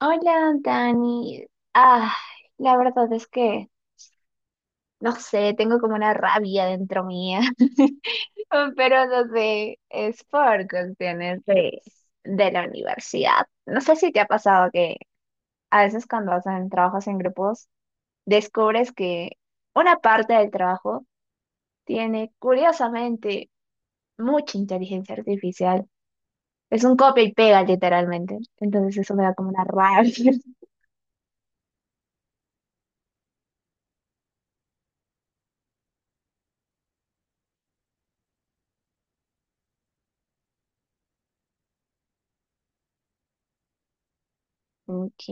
Hola, Dani. Ah, la verdad es que, no sé, tengo como una rabia dentro mía, pero no sé, es por cuestiones de la universidad. No sé si te ha pasado que a veces cuando hacen trabajos en grupos, descubres que una parte del trabajo tiene, curiosamente, mucha inteligencia artificial. Es un copia y pega, literalmente. Entonces eso me da como una rabia. Ok.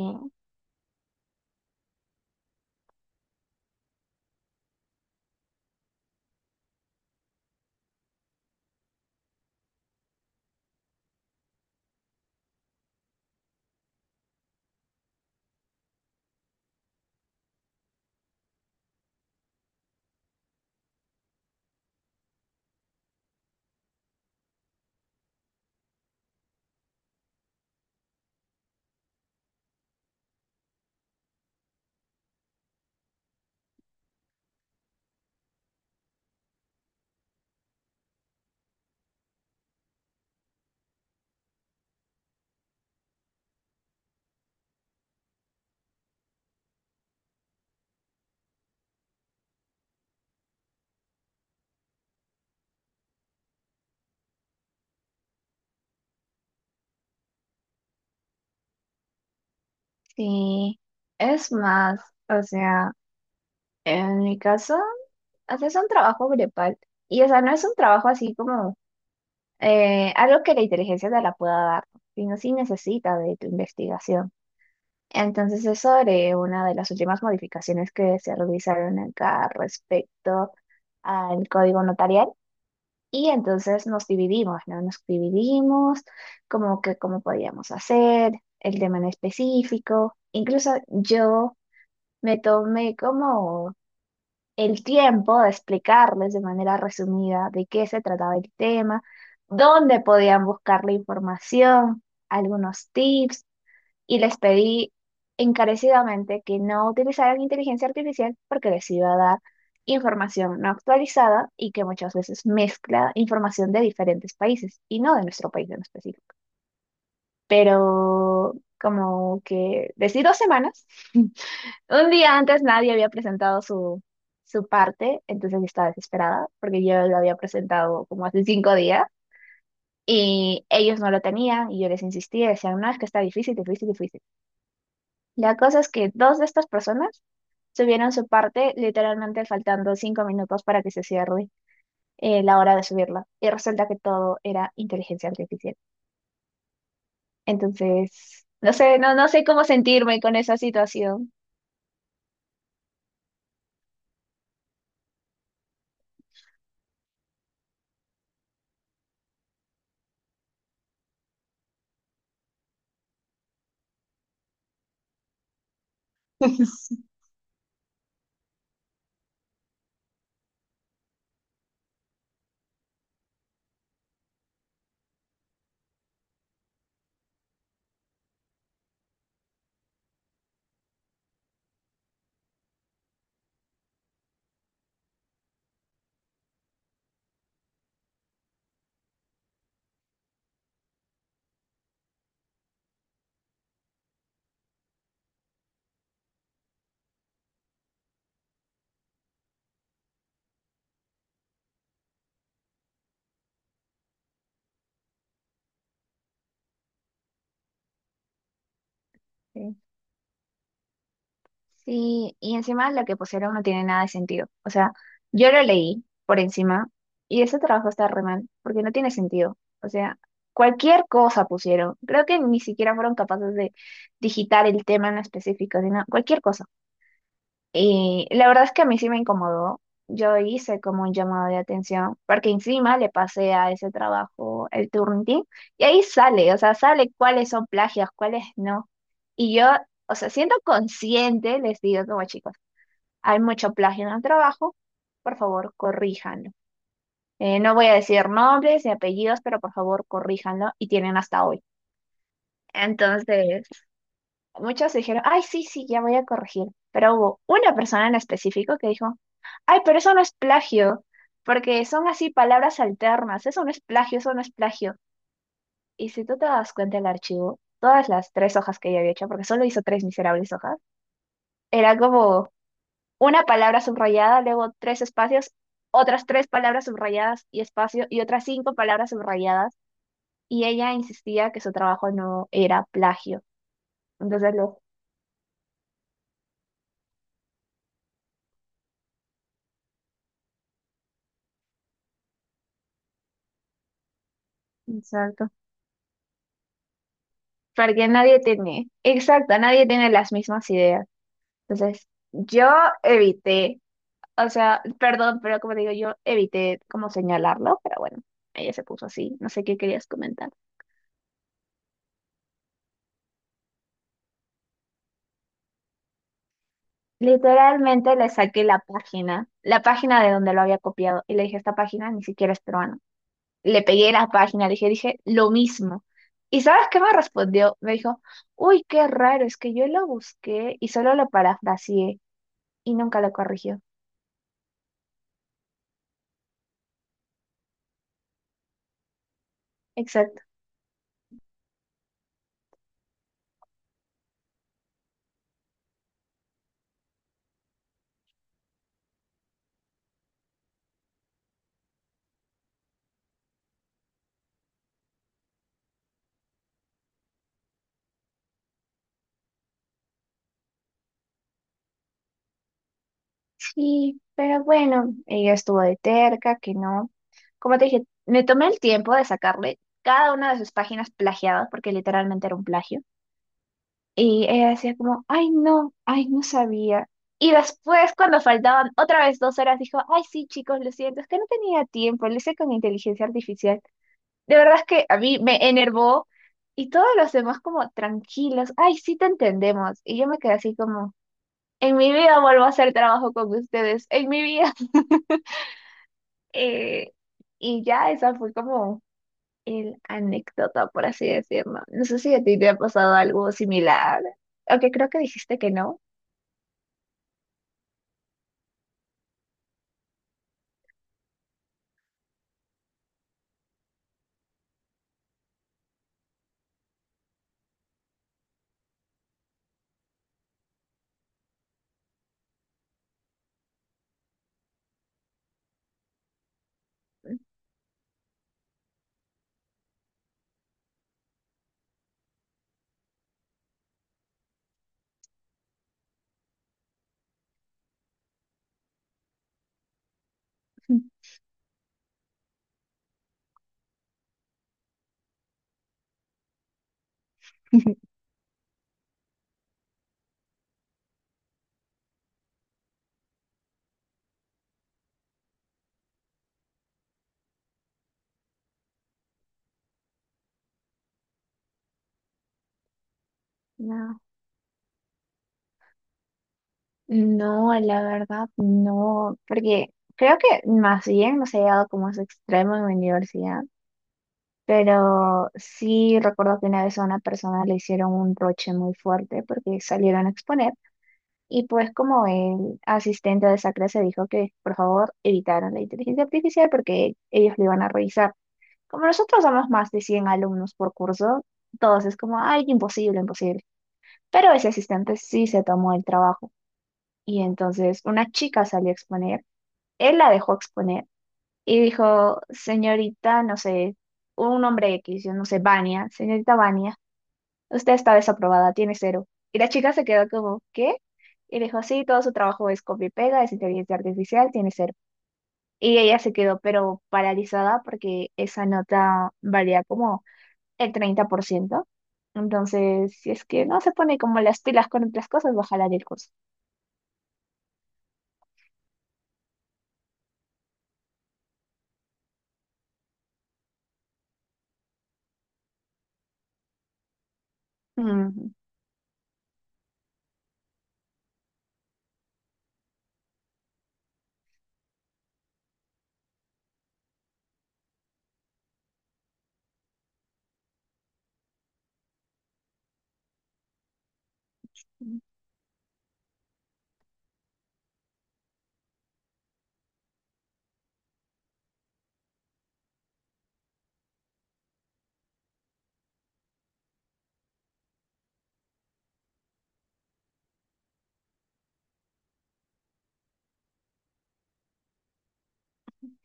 Sí, es más, o sea, en mi caso, o es un trabajo grupal y, o sea, no es un trabajo así como algo que la inteligencia te la pueda dar, sino si necesita de tu investigación. Entonces, es sobre una de las últimas modificaciones que se realizaron acá respecto al código notarial y entonces nos dividimos, ¿no? Nos dividimos como que cómo podíamos hacer, el tema en específico, incluso yo... Me tomé como el tiempo de explicarles de manera resumida de qué se trataba el tema, dónde podían buscar la información, algunos tips y les pedí encarecidamente que no utilizaran inteligencia artificial porque les iba a dar información no actualizada y que muchas veces mezcla información de diferentes países y no de nuestro país en específico. Pero como que decí 2 semanas. Un día antes nadie había presentado su parte, entonces yo estaba desesperada porque yo lo había presentado como hace 5 días y ellos no lo tenían y yo les insistía, decían, no, es que está difícil, difícil, difícil. La cosa es que dos de estas personas subieron su parte literalmente faltando 5 minutos para que se cierre la hora de subirla y resulta que todo era inteligencia artificial. Entonces, no sé, no, no sé cómo sentirme con esa situación. Sí. Sí, y encima lo que pusieron no tiene nada de sentido. O sea, yo lo leí por encima y ese trabajo está re mal, porque no tiene sentido. O sea, cualquier cosa pusieron. Creo que ni siquiera fueron capaces de digitar el tema en específico, sino cualquier cosa. Y la verdad es que a mí sí me incomodó. Yo hice como un llamado de atención, porque encima le pasé a ese trabajo el Turnitin, y ahí sale, o sea, sale cuáles son plagios, cuáles no. Y yo, o sea, siendo consciente, les digo como chicos, hay mucho plagio en el trabajo, por favor, corríjanlo. No voy a decir nombres ni apellidos, pero por favor, corríjanlo, y tienen hasta hoy. Entonces, muchos dijeron, ay, sí, sí, ya voy a corregir. Pero hubo una persona en específico que dijo, ay, pero eso no es plagio, porque son así palabras alternas, eso no es plagio, eso no es plagio. Y si tú te das cuenta del archivo, todas las tres hojas que ella había hecho, porque solo hizo tres miserables hojas, era como una palabra subrayada, luego tres espacios, otras tres palabras subrayadas y espacio, y otras cinco palabras subrayadas. Y ella insistía que su trabajo no era plagio. Entonces, lo... Exacto. Porque nadie tiene, exacto, nadie tiene las mismas ideas. Entonces, yo evité, o sea, perdón, pero como te digo, yo evité como señalarlo, pero bueno, ella se puso así, no sé qué querías comentar. Literalmente le saqué la página de donde lo había copiado, y le dije, esta página ni siquiera es peruana. Le pegué la página, le dije, lo mismo. ¿Y sabes qué me respondió? Me dijo, uy, qué raro, es que yo lo busqué y solo lo parafraseé y nunca lo corrigió. Sí, pero bueno, ella estuvo de terca, que no. Como te dije, me tomé el tiempo de sacarle cada una de sus páginas plagiadas, porque literalmente era un plagio. Y ella decía como, ay no sabía. Y después, cuando faltaban otra vez 2 horas, dijo, ay sí, chicos, lo siento, es que no tenía tiempo, lo hice con inteligencia artificial. De verdad es que a mí me enervó y todos los demás como tranquilos, ay sí te entendemos. Y yo me quedé así como, en mi vida vuelvo a hacer trabajo con ustedes, en mi vida. Eh, y ya esa fue como el anécdota, por así decirlo. No sé si a ti te ha pasado algo similar, aunque creo que dijiste que no. No, no, la verdad no, porque creo que más bien no se ha llegado como a ese extremo en mi universidad, pero sí recuerdo que una vez a una persona le hicieron un roche muy fuerte porque salieron a exponer. Y pues como el asistente de esa clase dijo que por favor evitaran la inteligencia artificial porque ellos lo iban a revisar. Como nosotros somos más de 100 alumnos por curso, todos es como, ay, imposible, imposible. Pero ese asistente sí se tomó el trabajo. Y entonces una chica salió a exponer, él la dejó exponer y dijo, señorita, no sé, un nombre X, yo no sé, Vania, señorita Vania. Usted está desaprobada, tiene cero. Y la chica se quedó como, ¿qué? Y dijo, sí, todo su trabajo es copia y pega, es inteligencia artificial, tiene cero. Y ella se quedó, pero paralizada porque esa nota valía como el 30 por ciento. Entonces, si es que no se pone como las pilas con otras cosas, va a jalar el curso. Mm.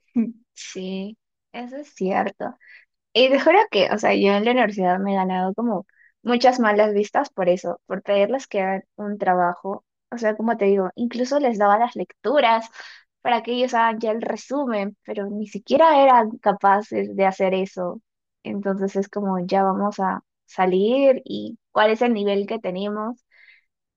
Sí, eso es cierto. Y te juro que, o sea, yo en la universidad me he ganado como muchas malas vistas por eso, por pedirles que hagan un trabajo. O sea, como te digo, incluso les daba las lecturas para que ellos hagan ya el resumen, pero ni siquiera eran capaces de hacer eso. Entonces es como, ya vamos a salir y cuál es el nivel que tenemos.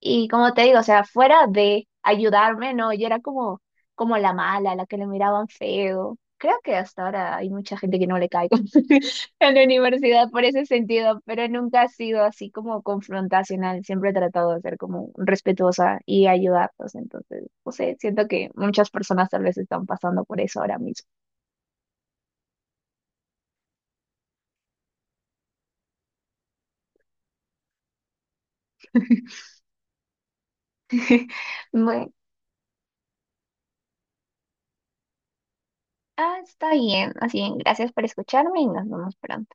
Y como te digo, o sea, fuera de ayudarme, no, yo era como, como la mala, la que le miraban feo. Creo que hasta ahora hay mucha gente que no le caigo en la universidad por ese sentido, pero nunca ha sido así como confrontacional. Siempre he tratado de ser como respetuosa y ayudarlos. Entonces, no sé, siento que muchas personas tal vez están pasando por eso ahora mismo. Bueno, ah, está bien. Así, bien, gracias por escucharme y nos vemos pronto.